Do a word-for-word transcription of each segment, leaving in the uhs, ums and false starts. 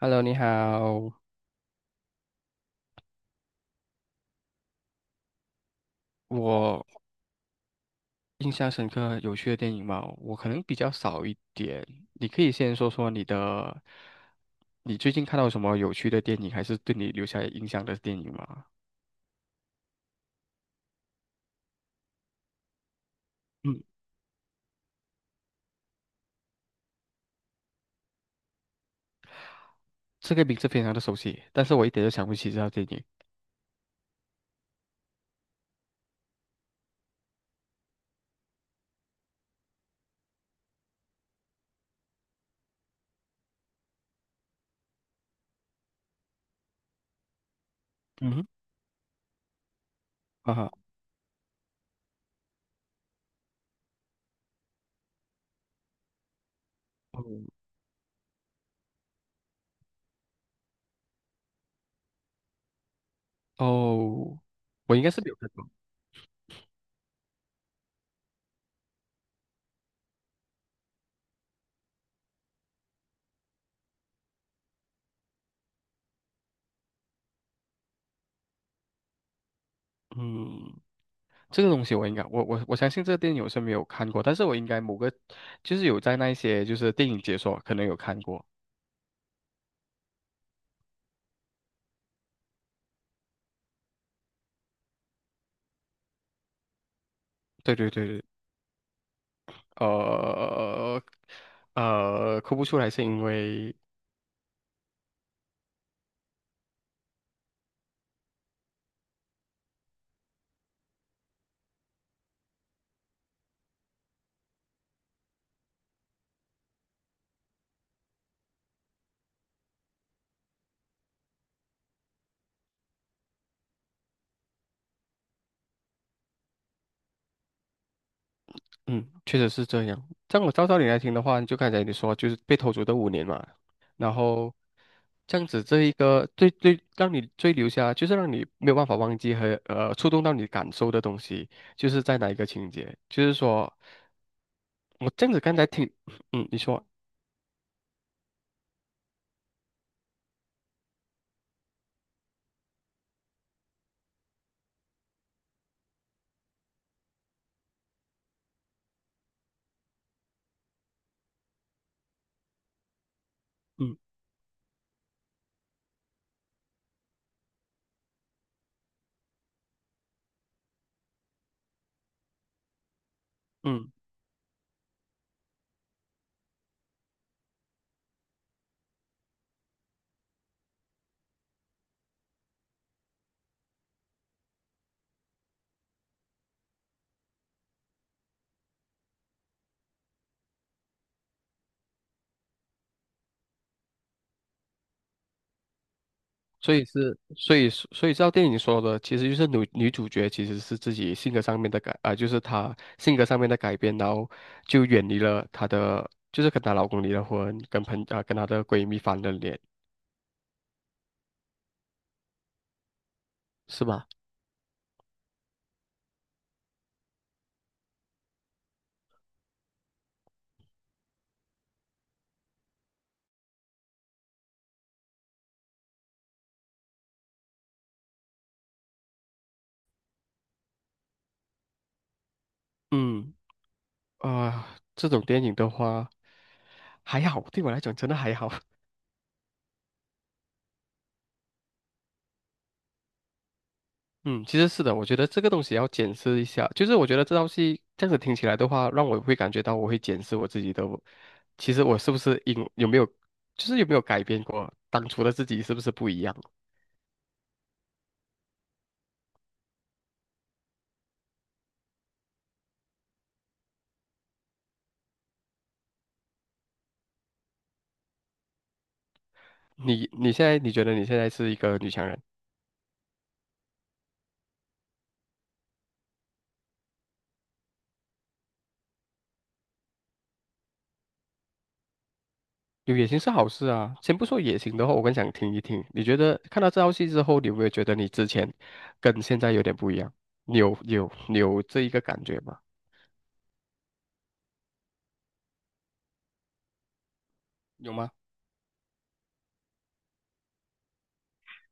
Hello，你好。我印象深刻有趣的电影嘛，我可能比较少一点。你可以先说说你的，你最近看到什么有趣的电影，还是对你留下印象的电影吗？嗯，这个名字非常的熟悉，但是我一点都想不起这套电影。嗯哼。啊哈。哦哦，我应该是没有看过。嗯，这个东西我应该，我我我相信这个电影我是没有看过，但是我应该某个就是有在那一些就是电影解说可能有看过。对对对对。呃呃，哭不出来是因为，嗯，确实是这样。这样我照道理来听的话，就刚才你说，就是被偷走的五年嘛，然后这样子这一个最最让你最留下，就是让你没有办法忘记和呃触动到你感受的东西，就是在哪一个情节？就是说我这样子刚才听，嗯，你说，嗯嗯。所以是，所以所以照电影说的，其实就是女女主角其实是自己性格上面的改啊、就是她性格上面的改变，然后就远离了她的，就是跟她老公离了婚，跟朋啊、跟她的闺蜜翻了脸，是吧？嗯。啊、这种电影的话还好，对我来讲真的还好。嗯，其实是的，我觉得这个东西要检视一下。就是我觉得这道戏这样子听起来的话，让我会感觉到我会检视我自己的我其实我是不是因有没有，就是有没有改变过当初的自己是不是不一样？你你现在你觉得你现在是一个女强人。有野心是好事啊。先不说野心的话，我更想听一听，你觉得看到这道戏之后，你有没有觉得你之前跟现在有点不一样？你有有你有这一个感觉吗？有吗？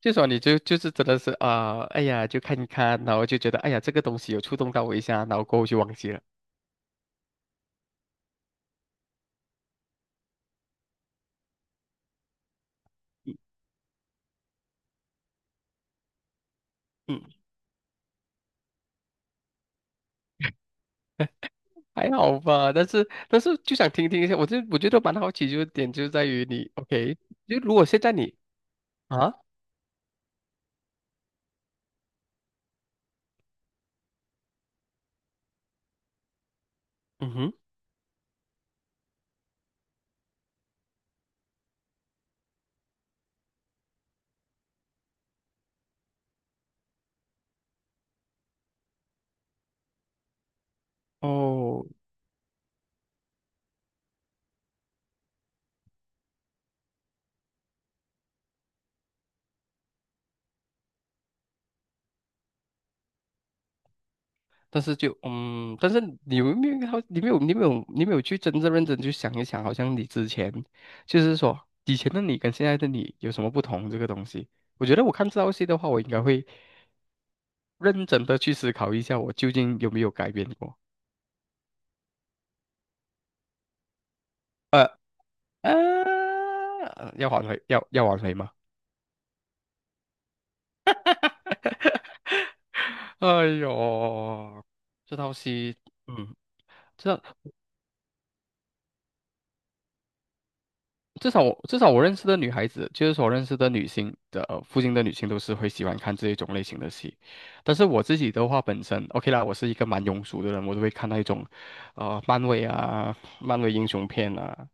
就说你就就是真的是啊、哎呀，就看一看，然后就觉得哎呀，这个东西有触动到我一下，然后过后就忘记了。嗯。嗯，还好吧，但是但是就想听听一下，我就我觉得蛮好奇，就点就在于你，OK，就如果现在你啊。嗯哼。哦，但是就嗯，但是你有没有好，你没有你没有你没有去真正认真去想一想，好像你之前就是说以前的你跟现在的你有什么不同这个东西？我觉得我看这道戏的话，我应该会认真的去思考一下，我究竟有没有改变过？呃呃，要挽回，要要挽回吗？哎呦，这套戏，嗯，至少至少我至少我认识的女孩子，就是说我认识的女性的、呃附近的女性都是会喜欢看这一种类型的戏。但是我自己的话，本身 OK 啦，我是一个蛮庸俗的人，我都会看那一种，呃，漫威啊，漫威英雄片啊。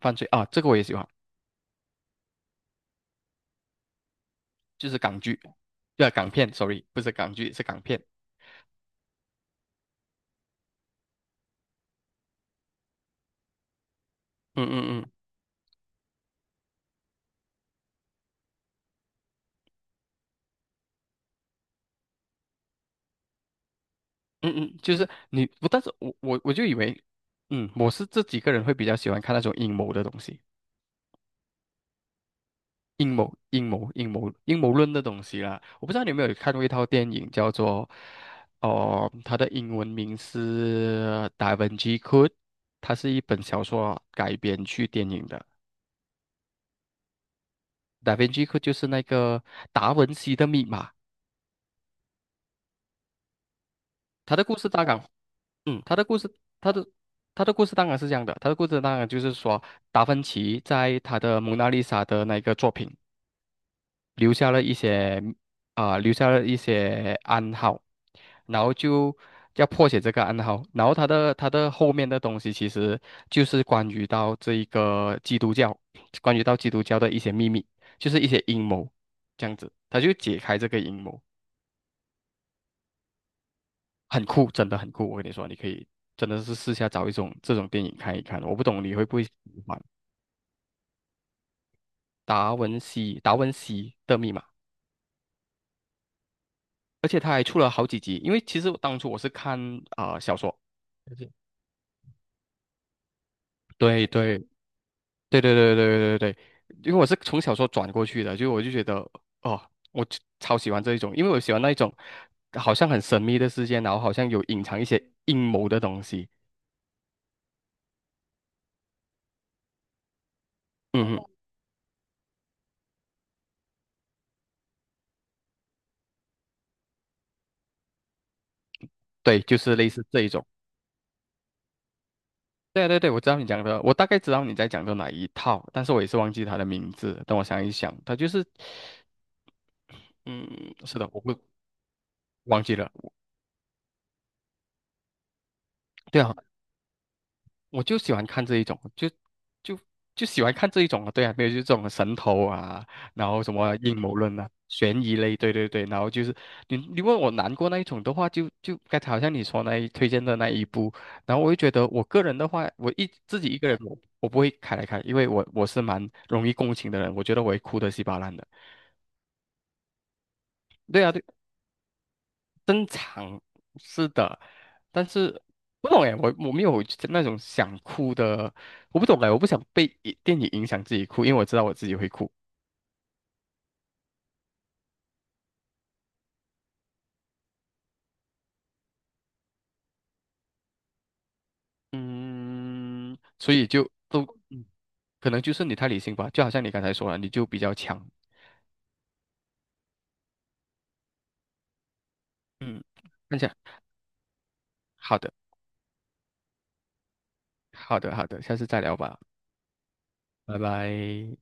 犯罪啊，这个我也喜欢。就是港剧，对啊，港片，sorry，不是港剧，是港片。嗯嗯嗯。嗯嗯，就是你不，但是我我我就以为，嗯，我是这几个人会比较喜欢看那种阴谋的东西，阴谋阴谋阴谋阴谋论的东西啦。我不知道你有没有看过一套电影叫做，哦、它的英文名是《Da v i n c Code》，它是一本小说改编去电影的。《Da v i n c Code》就是那个达文西的密码。他的故事大纲，嗯，他的故事，他的他的故事当然是这样的，他的故事当然就是说，达芬奇在他的《蒙娜丽莎》的那个作品留下了一些，啊、留下了一些暗号，然后就要破解这个暗号，然后他的他的后面的东西其实就是关于到这一个基督教，关于到基督教的一些秘密，就是一些阴谋，这样子他就解开这个阴谋。很酷，真的很酷。我跟你说，你可以真的是试下找一种这种电影看一看。我不懂你会不会喜欢。达文西达文西的密码，而且他还出了好几集。因为其实当初我是看啊、呃小说。对对对对对对对对对对，因为我是从小说转过去的，就我就觉得哦，我就超喜欢这一种，因为我喜欢那一种好像很神秘的世界，然后好像有隐藏一些阴谋的东西。嗯哼。对，就是类似这一种。对啊对对，我知道你讲的，我大概知道你在讲的哪一套，但是我也是忘记它的名字。等我想一想，它就是，嗯，是的，我会忘记了。对啊，我就喜欢看这一种，就就就喜欢看这一种啊。对啊，没有就是这种神头啊，然后什么阴谋论啊，悬疑类，对对对。然后就是你你问我难过那一种的话，就就刚才好像你说那一推荐的那一部，然后我就觉得我个人的话，我一自己一个人我我不会开来看，因为我我是蛮容易共情的人，我觉得我会哭得稀巴烂的。对啊，对，正常是的。但是不懂哎，我我没有那种想哭的，我不懂哎，我不想被一电影影响自己哭，因为我知道我自己会哭，嗯，所以就 都嗯，可能就是你太理性吧，就好像你刚才说了，你就比较强。嗯，那享。好的，好的，好的，下次再聊吧，拜拜。